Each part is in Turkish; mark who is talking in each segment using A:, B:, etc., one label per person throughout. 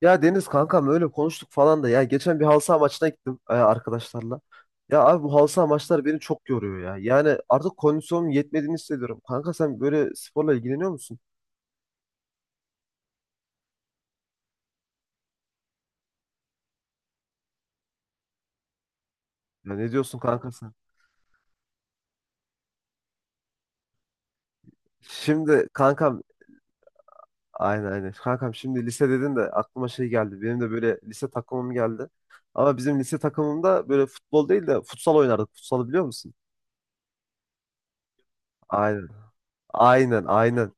A: Ya Deniz kankam öyle konuştuk falan da ya geçen bir halı saha maçına gittim arkadaşlarla. Ya abi bu halı saha maçları beni çok yoruyor ya. Yani artık kondisyonum yetmediğini hissediyorum. Kanka sen böyle sporla ilgileniyor musun? Ya ne diyorsun kanka sen? Şimdi kankam, aynen aynen. Kankam şimdi lise dedin de aklıma şey geldi. Benim de böyle lise takımım geldi. Ama bizim lise takımımda böyle futbol değil de futsal oynardık. Futsalı biliyor musun? Aynen. Aynen aynen.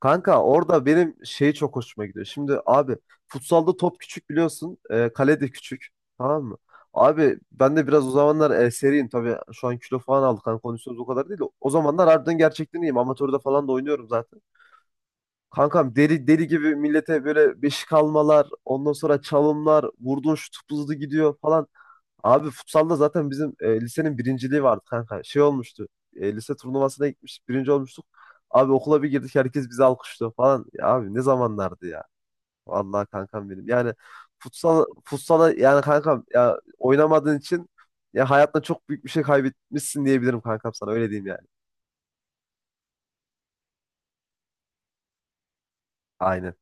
A: Kanka orada benim şey çok hoşuma gidiyor. Şimdi abi, futsalda top küçük biliyorsun. E, kale de küçük. Tamam mı? Abi ben de biraz o zamanlar seriyim. Tabii şu an kilo falan aldık. Hani kondisyonumuz o kadar değil de o zamanlar harbiden gerçekten iyiyim. Amatörde falan da oynuyorum zaten. Kankam deli deli gibi millete böyle beşik almalar, ondan sonra çalımlar, vurduğun şut hızlı gidiyor falan. Abi futsalda zaten bizim lisenin birinciliği vardı kanka. Şey olmuştu. Lise turnuvasına gitmiş, birinci olmuştuk. Abi okula bir girdik, herkes bizi alkışlıyor falan. Ya abi ne zamanlardı ya. Vallahi kankam benim. Yani futsala yani kankam, ya oynamadığın için ya hayatta çok büyük bir şey kaybetmişsin diyebilirim kankam, sana öyle diyeyim yani. Aynen.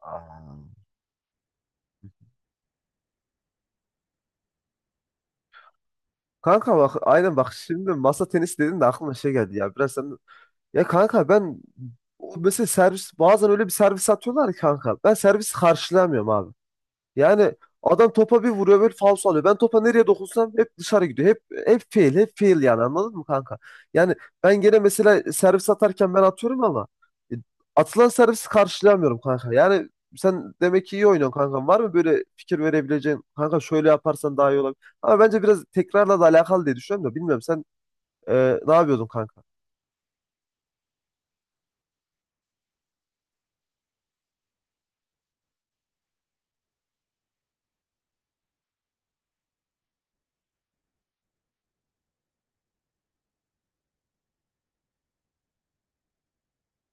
A: Aa. Kanka bak aynen, bak şimdi masa tenisi dedin de aklıma şey geldi ya biraz sen, ya kanka ben, o mesela servis bazen öyle bir servis atıyorlar ki kanka ben servis karşılayamıyorum abi. Yani adam topa bir vuruyor böyle, faul alıyor. Ben topa nereye dokunsam hep dışarı gidiyor. Hep fail, hep fail, yani anladın mı kanka? Yani ben gene mesela servis atarken ben atıyorum ama e, atılan servisi karşılayamıyorum kanka. Yani sen demek ki iyi oynuyorsun kanka. Var mı böyle fikir verebileceğin kanka, şöyle yaparsan daha iyi olabilir. Ama bence biraz tekrarla da alakalı diye düşünüyorum, da bilmiyorum sen ne yapıyordun kanka?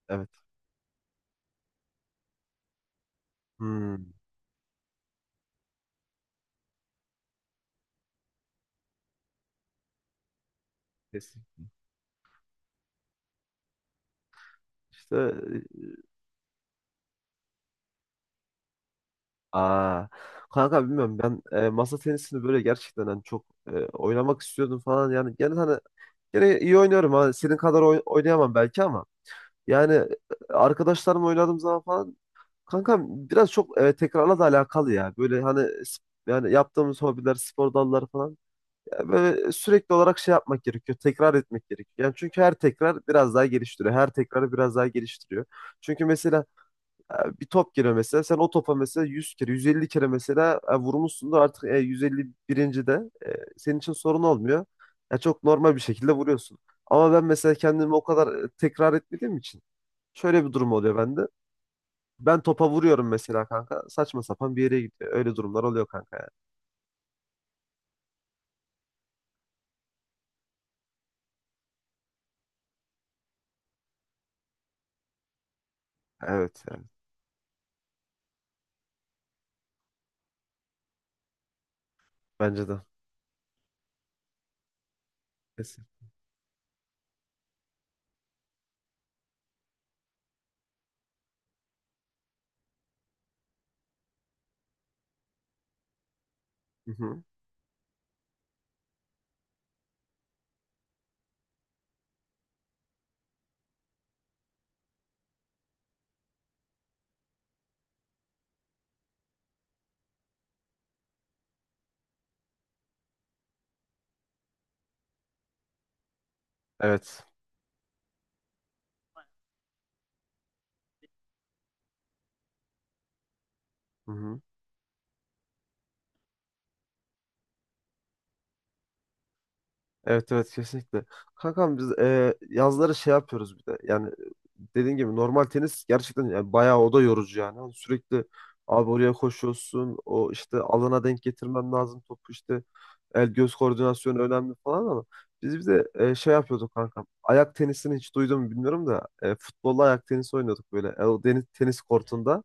A: Evet. Hmm. Kesin. İşte. Aa, kanka bilmiyorum ben masa tenisini böyle gerçekten hani çok oynamak istiyordum falan, yani gene hani gene iyi oynuyorum, hani senin kadar oynayamam belki ama yani arkadaşlarımla oynadığım zaman falan kanka biraz çok tekrarla da alakalı ya, böyle hani yani yaptığımız hobiler, spor dalları falan, ya böyle sürekli olarak şey yapmak gerekiyor, tekrar etmek gerekiyor yani, çünkü her tekrar biraz daha geliştiriyor, her tekrarı biraz daha geliştiriyor, çünkü mesela bir top geliyor mesela. Sen o topa mesela 100 kere, 150 kere mesela vurmuşsundur. Artık 151. de senin için sorun olmuyor. Ya çok normal bir şekilde vuruyorsun. Ama ben mesela kendimi o kadar tekrar etmediğim için şöyle bir durum oluyor bende. Ben topa vuruyorum mesela kanka. Saçma sapan bir yere gidiyor. Öyle durumlar oluyor kanka yani. Evet yani. Bence de. Kesin. Hı hı. Evet. Hı hı. Evet evet, kesinlikle. Kankam biz yazları şey yapıyoruz bir de. Yani dediğin gibi normal tenis gerçekten yani bayağı o da yorucu yani. Hani sürekli abi oraya koşuyorsun. O işte alana denk getirmen lazım topu işte. El göz koordinasyonu önemli falan, ama biz bir de şey yapıyorduk kankam. Ayak tenisini hiç duydun mu bilmiyorum da, futbolla ayak tenisi oynuyorduk böyle. O deniz, tenis kortunda.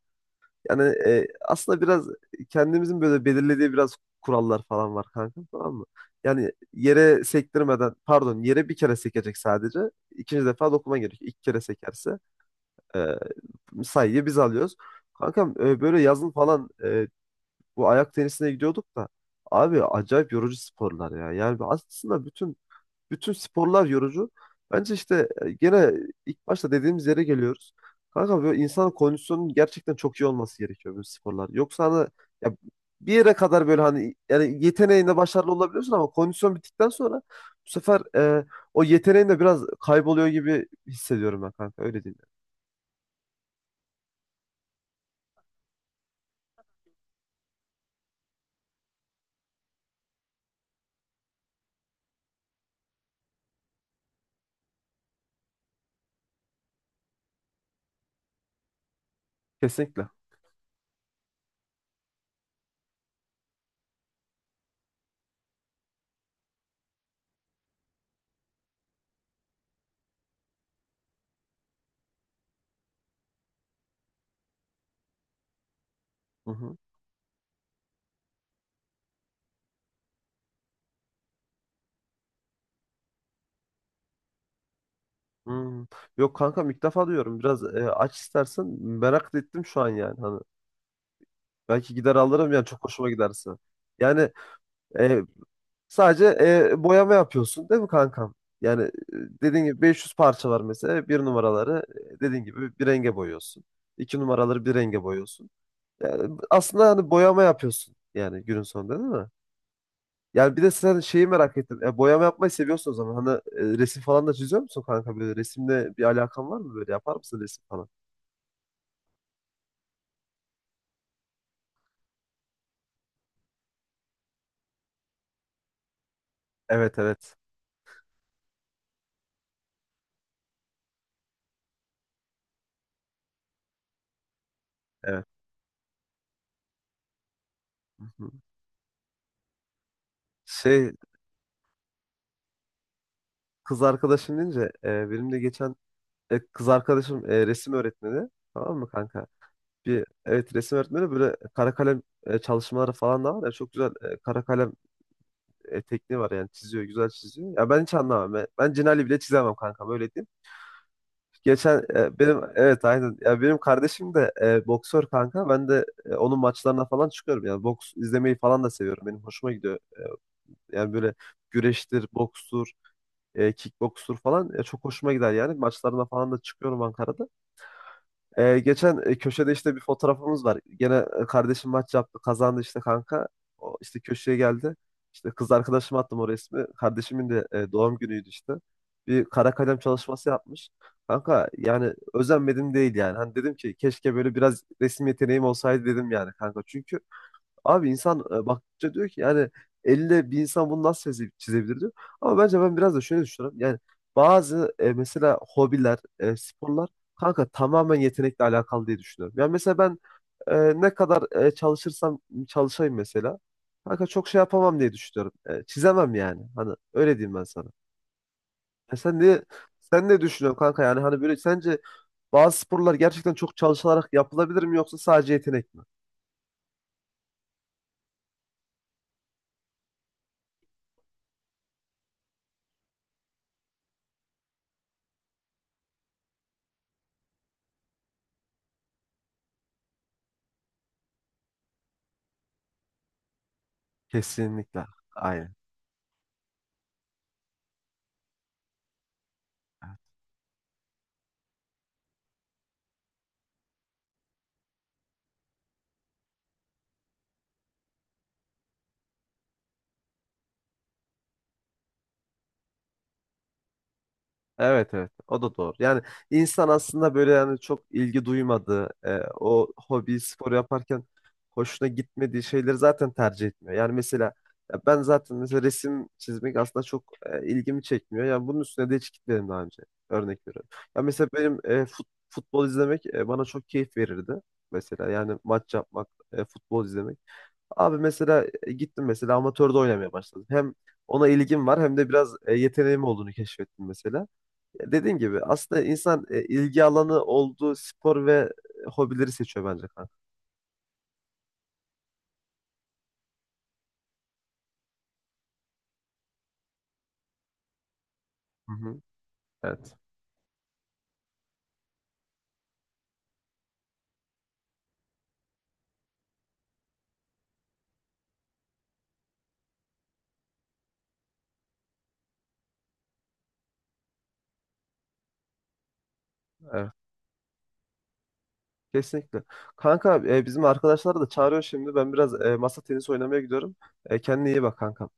A: Yani aslında biraz kendimizin böyle belirlediği biraz kurallar falan var kanka, tamam mı? Yani yere sektirmeden, pardon, yere bir kere sekecek sadece. İkinci defa dokuma gerek. İlk kere sekerse sayıyı biz alıyoruz. Kankam böyle yazın falan bu ayak tenisine gidiyorduk da abi, acayip yorucu sporlar ya. Yani aslında bütün sporlar yorucu. Bence işte gene ilk başta dediğimiz yere geliyoruz. Kanka böyle insanın kondisyonunun gerçekten çok iyi olması gerekiyor böyle sporlar. Yoksa hani, ya, bir yere kadar böyle hani yani yeteneğinde başarılı olabiliyorsun, ama kondisyon bittikten sonra bu sefer o yeteneğin de biraz kayboluyor gibi hissediyorum ben kanka, öyle değil mi? Kesinlikle. Hı hı. Hmm. Yok kanka, ilk defa diyorum. Biraz aç istersen, merak da ettim şu an yani. Hani belki gider alırım yani çok hoşuma giderse. Yani. E, Sadece boyama yapıyorsun değil mi kankam? Yani dediğin gibi 500 parça var mesela. Bir numaraları dediğin gibi bir renge boyuyorsun. İki numaraları bir renge boyuyorsun. Yani aslında hani boyama yapıyorsun yani günün sonunda, değil mi? Yani bir de sen, şeyi merak ettim. E, boyama yapmayı seviyorsun o zaman. Hani resim falan da çiziyor musun kanka? Böyle resimle bir alakan var mı böyle? Yapar mısın resim falan? Evet evet. Evet. Hı hı. Şey, kız arkadaşım deyince benim de geçen kız arkadaşım resim öğretmeni. Tamam mı kanka? Bir evet, resim öğretmeni, böyle kara kalem çalışmaları falan da var ya, çok güzel kara kalem tekniği var yani, çiziyor, güzel çiziyor. Ya ben hiç anlamam. Ben Cinali bile çizemem kanka, böyle diyeyim. Geçen benim, evet aynen ya, benim kardeşim de boksör kanka. Ben de onun maçlarına falan çıkıyorum, yani boks izlemeyi falan da seviyorum. Benim hoşuma gidiyor. Yani böyle güreştir, bokstur, kickbokstur falan çok hoşuma gider yani, maçlarına falan da çıkıyorum Ankara'da. Geçen köşede işte bir fotoğrafımız var. Gene kardeşim maç yaptı, kazandı işte kanka. O işte köşeye geldi. İşte kız arkadaşıma attım o resmi. Kardeşimin de doğum günüydü işte. Bir kara kalem çalışması yapmış. Kanka yani özenmedim değil yani. Hani dedim ki keşke böyle biraz resim yeteneğim olsaydı, dedim yani kanka. Çünkü abi insan baktıkça diyor ki yani, elle bir insan bunu nasıl çizebilir diyor. Ama bence ben biraz da şöyle düşünüyorum. Yani bazı mesela hobiler, sporlar kanka tamamen yetenekle alakalı diye düşünüyorum. Yani mesela ben ne kadar çalışırsam çalışayım mesela, kanka çok şey yapamam diye düşünüyorum. E, çizemem yani. Hani öyle diyeyim ben sana. Ya sen ne Sen ne düşünüyorsun kanka, yani hani böyle sence bazı sporlar gerçekten çok çalışılarak yapılabilir mi yoksa sadece yetenek mi? Kesinlikle. Aynen. Evet evet, o da doğru. Yani insan aslında böyle yani çok ilgi duymadığı o hobi, spor yaparken hoşuna gitmediği şeyleri zaten tercih etmiyor. Yani mesela ya ben zaten mesela resim çizmek aslında çok ilgimi çekmiyor. Yani bunun üstüne de hiç gitmedim daha önce. Örnek veriyorum. Ya mesela benim futbol izlemek bana çok keyif verirdi. Mesela yani maç yapmak, futbol izlemek. Abi mesela gittim, mesela amatörde oynamaya başladım. Hem ona ilgim var, hem de biraz yeteneğim olduğunu keşfettim mesela. Dediğim gibi aslında insan ilgi alanı olduğu spor ve hobileri seçiyor bence kanka. Hı hı. Evet. Evet. Kesinlikle. Kanka bizim arkadaşları da çağırıyor şimdi. Ben biraz masa tenisi oynamaya gidiyorum. E, kendine iyi bak kanka.